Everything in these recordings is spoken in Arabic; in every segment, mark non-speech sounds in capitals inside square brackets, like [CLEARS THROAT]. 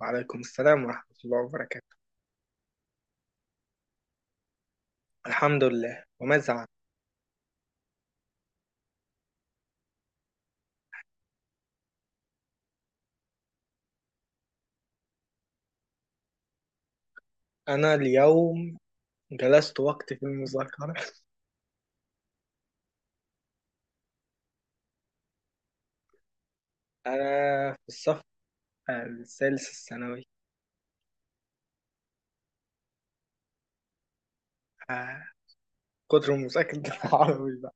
وعليكم السلام ورحمة الله وبركاته. الحمد لله، وماذا عنك؟ أنا اليوم جلست وقت في المذاكرة. أنا في الصف الثالث الثانوي. آه، كتر مذاكرة [LAUGHS] العربي بقى.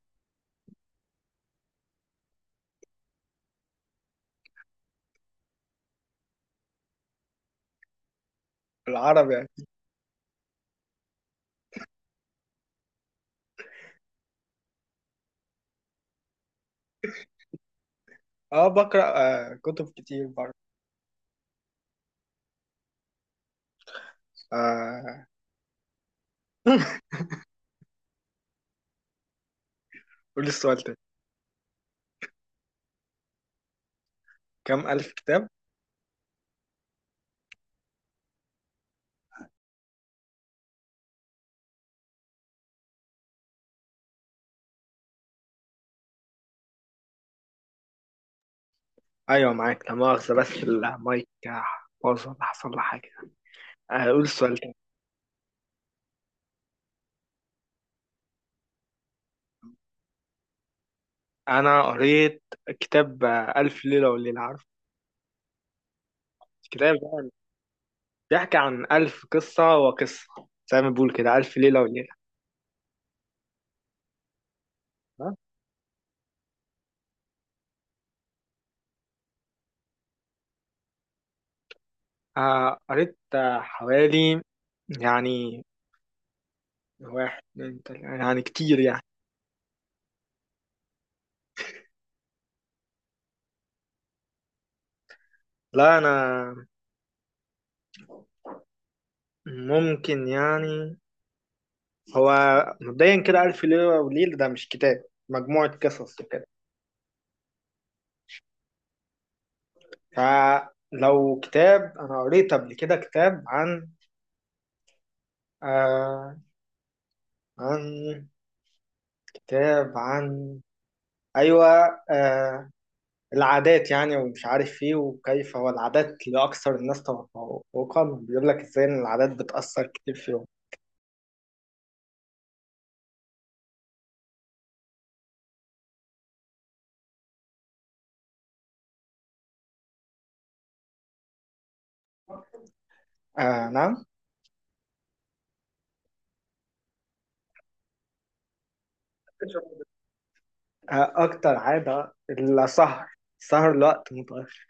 العربي يعني. اه بقرأ كتب كتير برضه. آه [LAUGHS] قول لي السؤال تاني. كم ألف كتاب؟ أيوة معاك، لا مؤاخذة، بس المايك باظ ولا حصل له حاجة. قول السؤال تاني. أنا قريت كتاب ألف ليلة وليلة، عارف؟ الكتاب ده بيحكي عن ألف قصة وقصة، زي ما بيقول كده ألف ليلة وليلة. تمام؟ قريت حوالي يعني واحد اتنين تلاتة، يعني كتير يعني. لا، أنا ممكن يعني هو مبدئيا كده ألف ليلة وليلة ده مش كتاب، مجموعة قصص وكده. فلو كتاب، أنا قريت قبل كده كتاب عن آه عن كتاب عن أيوة آه، العادات يعني، ومش عارف ايه، وكيف هو العادات لأكثر الناس توقعا، بيقول لك ازاي ان العادات بتأثر كتير فيهم. نعم. أكتر عادة السهر، سهر لوقت متأخر.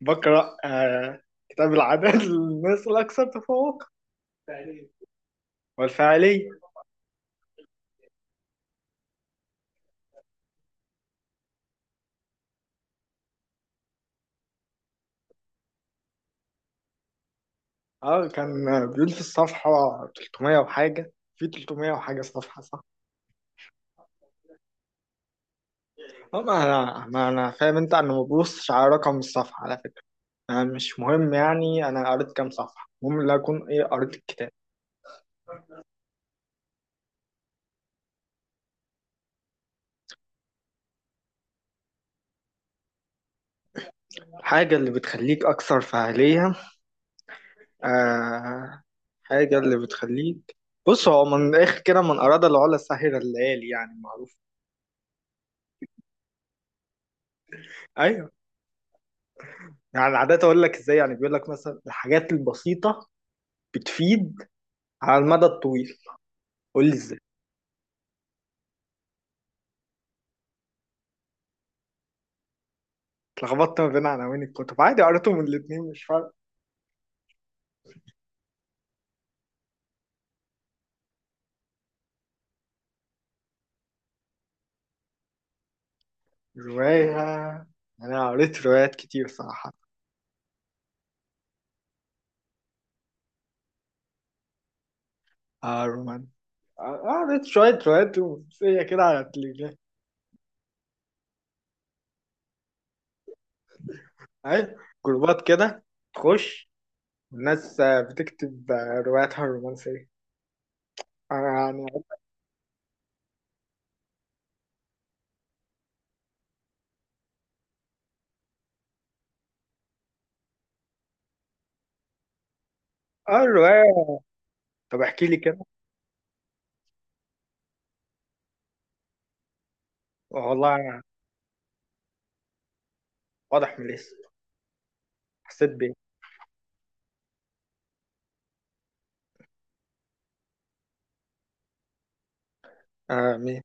بقرأ كتاب العادات [LAUGHS] للناس الأكثر تفوقا والفعلية. اه كان بيقول في الصفحة 300 وحاجة، في 300 وحاجة صفحة، صح؟ اه ما انا فاهم انت، انا ما ببصش على رقم الصفحة على فكرة. أنا مش مهم يعني أنا قريت كام صفحة، المهم لا أكون إيه قريت الكتاب. الحاجة اللي بتخليك أكثر فاعلية. آه حاجة اللي بتخليك. بص، هو من الآخر كده، من أراد العلا سهر الليالي، يعني معروف. أيوه. يعني عادة أقول لك إزاي؟ يعني بيقول لك مثلا الحاجات البسيطة بتفيد على المدى الطويل. قول لي إزاي. اتلخبطت ما بين عناوين الكتب، عادي قريتهم الاتنين، مش فارق. رواية. أنا قريت روايات كتير صراحة. آه رومان قعدت شوية شوية رومانسية كده على التليفزيون. أهي جروبات كده، تخش، الناس بتكتب رواياتها الرومانسية. أنا يعني. الرواية. طب احكي لي كده. والله أنا. واضح من الاسم. حسيت بإيه؟ مين؟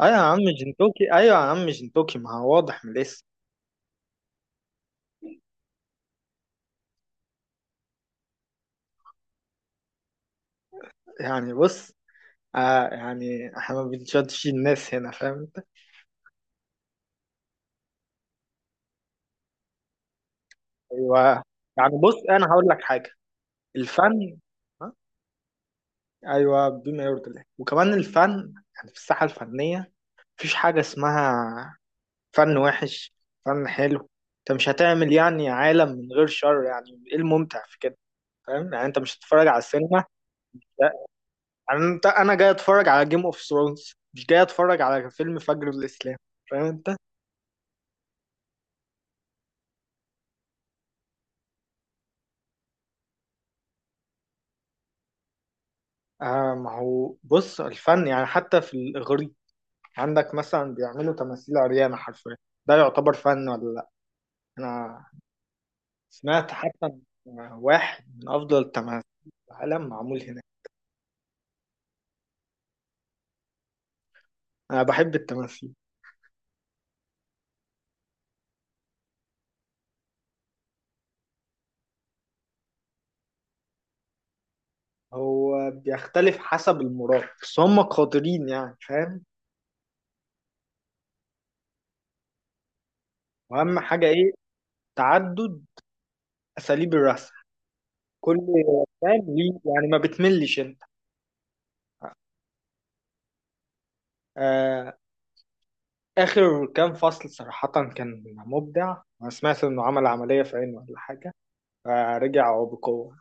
أيوة يا عم جنتوكي، أيوة يا عم جنتوكي، ما هو واضح من الاسم. يعني بص يعني إحنا ما بنشدش الناس هنا، فاهم أنت؟ أيوة. يعني بص، أنا هقول لك حاجة. الفن. ايوه، بما يرضي الله، وكمان الفن يعني في الساحه الفنيه مفيش حاجه اسمها فن وحش، فن حلو. انت مش هتعمل يعني عالم من غير شر، يعني ايه الممتع في كده؟ فاهم؟ يعني انت مش هتتفرج على السينما. لا. يعني انت، انا جاي اتفرج على جيم اوف ثرونز، مش جاي اتفرج على فيلم فجر الاسلام. فاهم انت؟ ما هو بص، الفن يعني حتى في الاغريق عندك مثلا بيعملوا تماثيل عريانه حرفيا، ده يعتبر فن ولا لا؟ انا سمعت حتى إن واحد من أفضل التماثيل في العالم معمول هناك. أنا بحب التماثيل. هو بيختلف حسب المراد، بس هم قادرين يعني، فاهم؟ وأهم حاجة إيه؟ تعدد أساليب الرسم. كل. فاهم ليه؟ يعني ما بتملش أنت. آه آخر كام فصل صراحة كان مبدع، أنا سمعت إنه عمل عملية في عينه ولا حاجة، فرجع بقوة.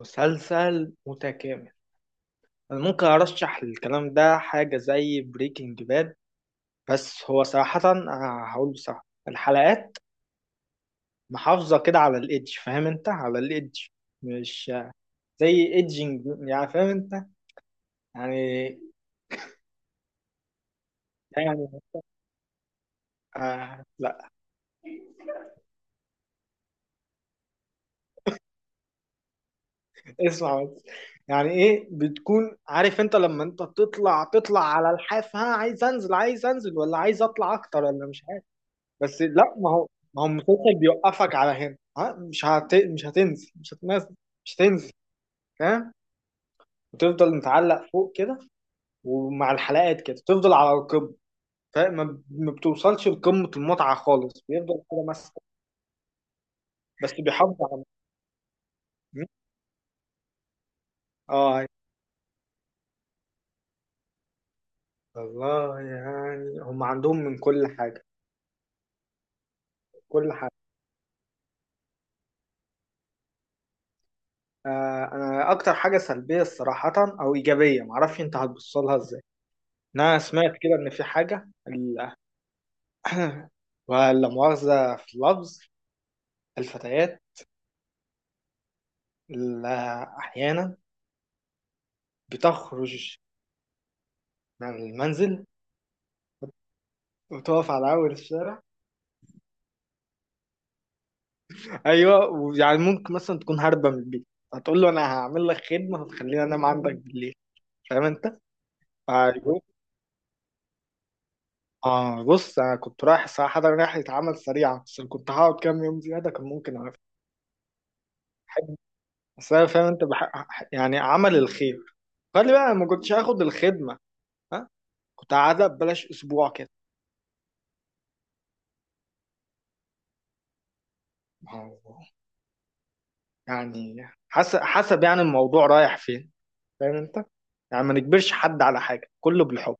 مسلسل متكامل. أنا ممكن أرشح الكلام ده حاجة زي بريكنج باد. بس هو صراحة هقول بصراحة، الحلقات محافظة كده على الإيدج، فاهم أنت؟ على الإيدج، مش زي إيدجينج، يعني فاهم أنت؟ يعني يعني لا. اسمع بس. يعني إيه؟ بتكون عارف أنت لما أنت تطلع على الحاف، ها، عايز أنزل، عايز أنزل، ولا عايز أطلع أكتر، ولا مش عارف. بس لا، ما هو المسلسل بيوقفك على هنا، ها، مش هتنزل، مش هتنزل، مش هتنزل. فاهم. وتفضل متعلق فوق كده، ومع الحلقات كده تفضل على القمة. فما ما ما بتوصلش لقمة المتعة خالص، بيفضل كده مثلا. بس بيحافظ على. م? اه والله، يعني هم عندهم من كل حاجة، كل حاجة. انا اكتر حاجة سلبية صراحة، او ايجابية معرفش انت هتبص لها ازاي. إن انا سمعت كده ان في حاجة [COUGHS] [CLEARS THROAT] ولا مؤاخذة في اللفظ، الفتيات اللي أحيانا بتخرج من المنزل وتقف على أول الشارع. ايوه، ويعني ممكن مثلا تكون هاربه من البيت، هتقول له انا هعمل لك خدمه هتخليني انام عندك بالليل، فاهم انت؟ ايوه. اه بص، انا كنت رايح الساعه 11 رحله عمل سريعه، بس لو كنت هقعد كام يوم زياده كان ممكن اعرف حد. بس انا فاهم انت يعني عمل الخير. قال لي بقى، أنا ما كنتش هاخد الخدمه، ها، كنت قاعده ببلاش اسبوع كده. ما هو يعني حسب يعني الموضوع رايح فين، فاهم انت؟ يعني ما نجبرش حد على حاجه، كله بالحب.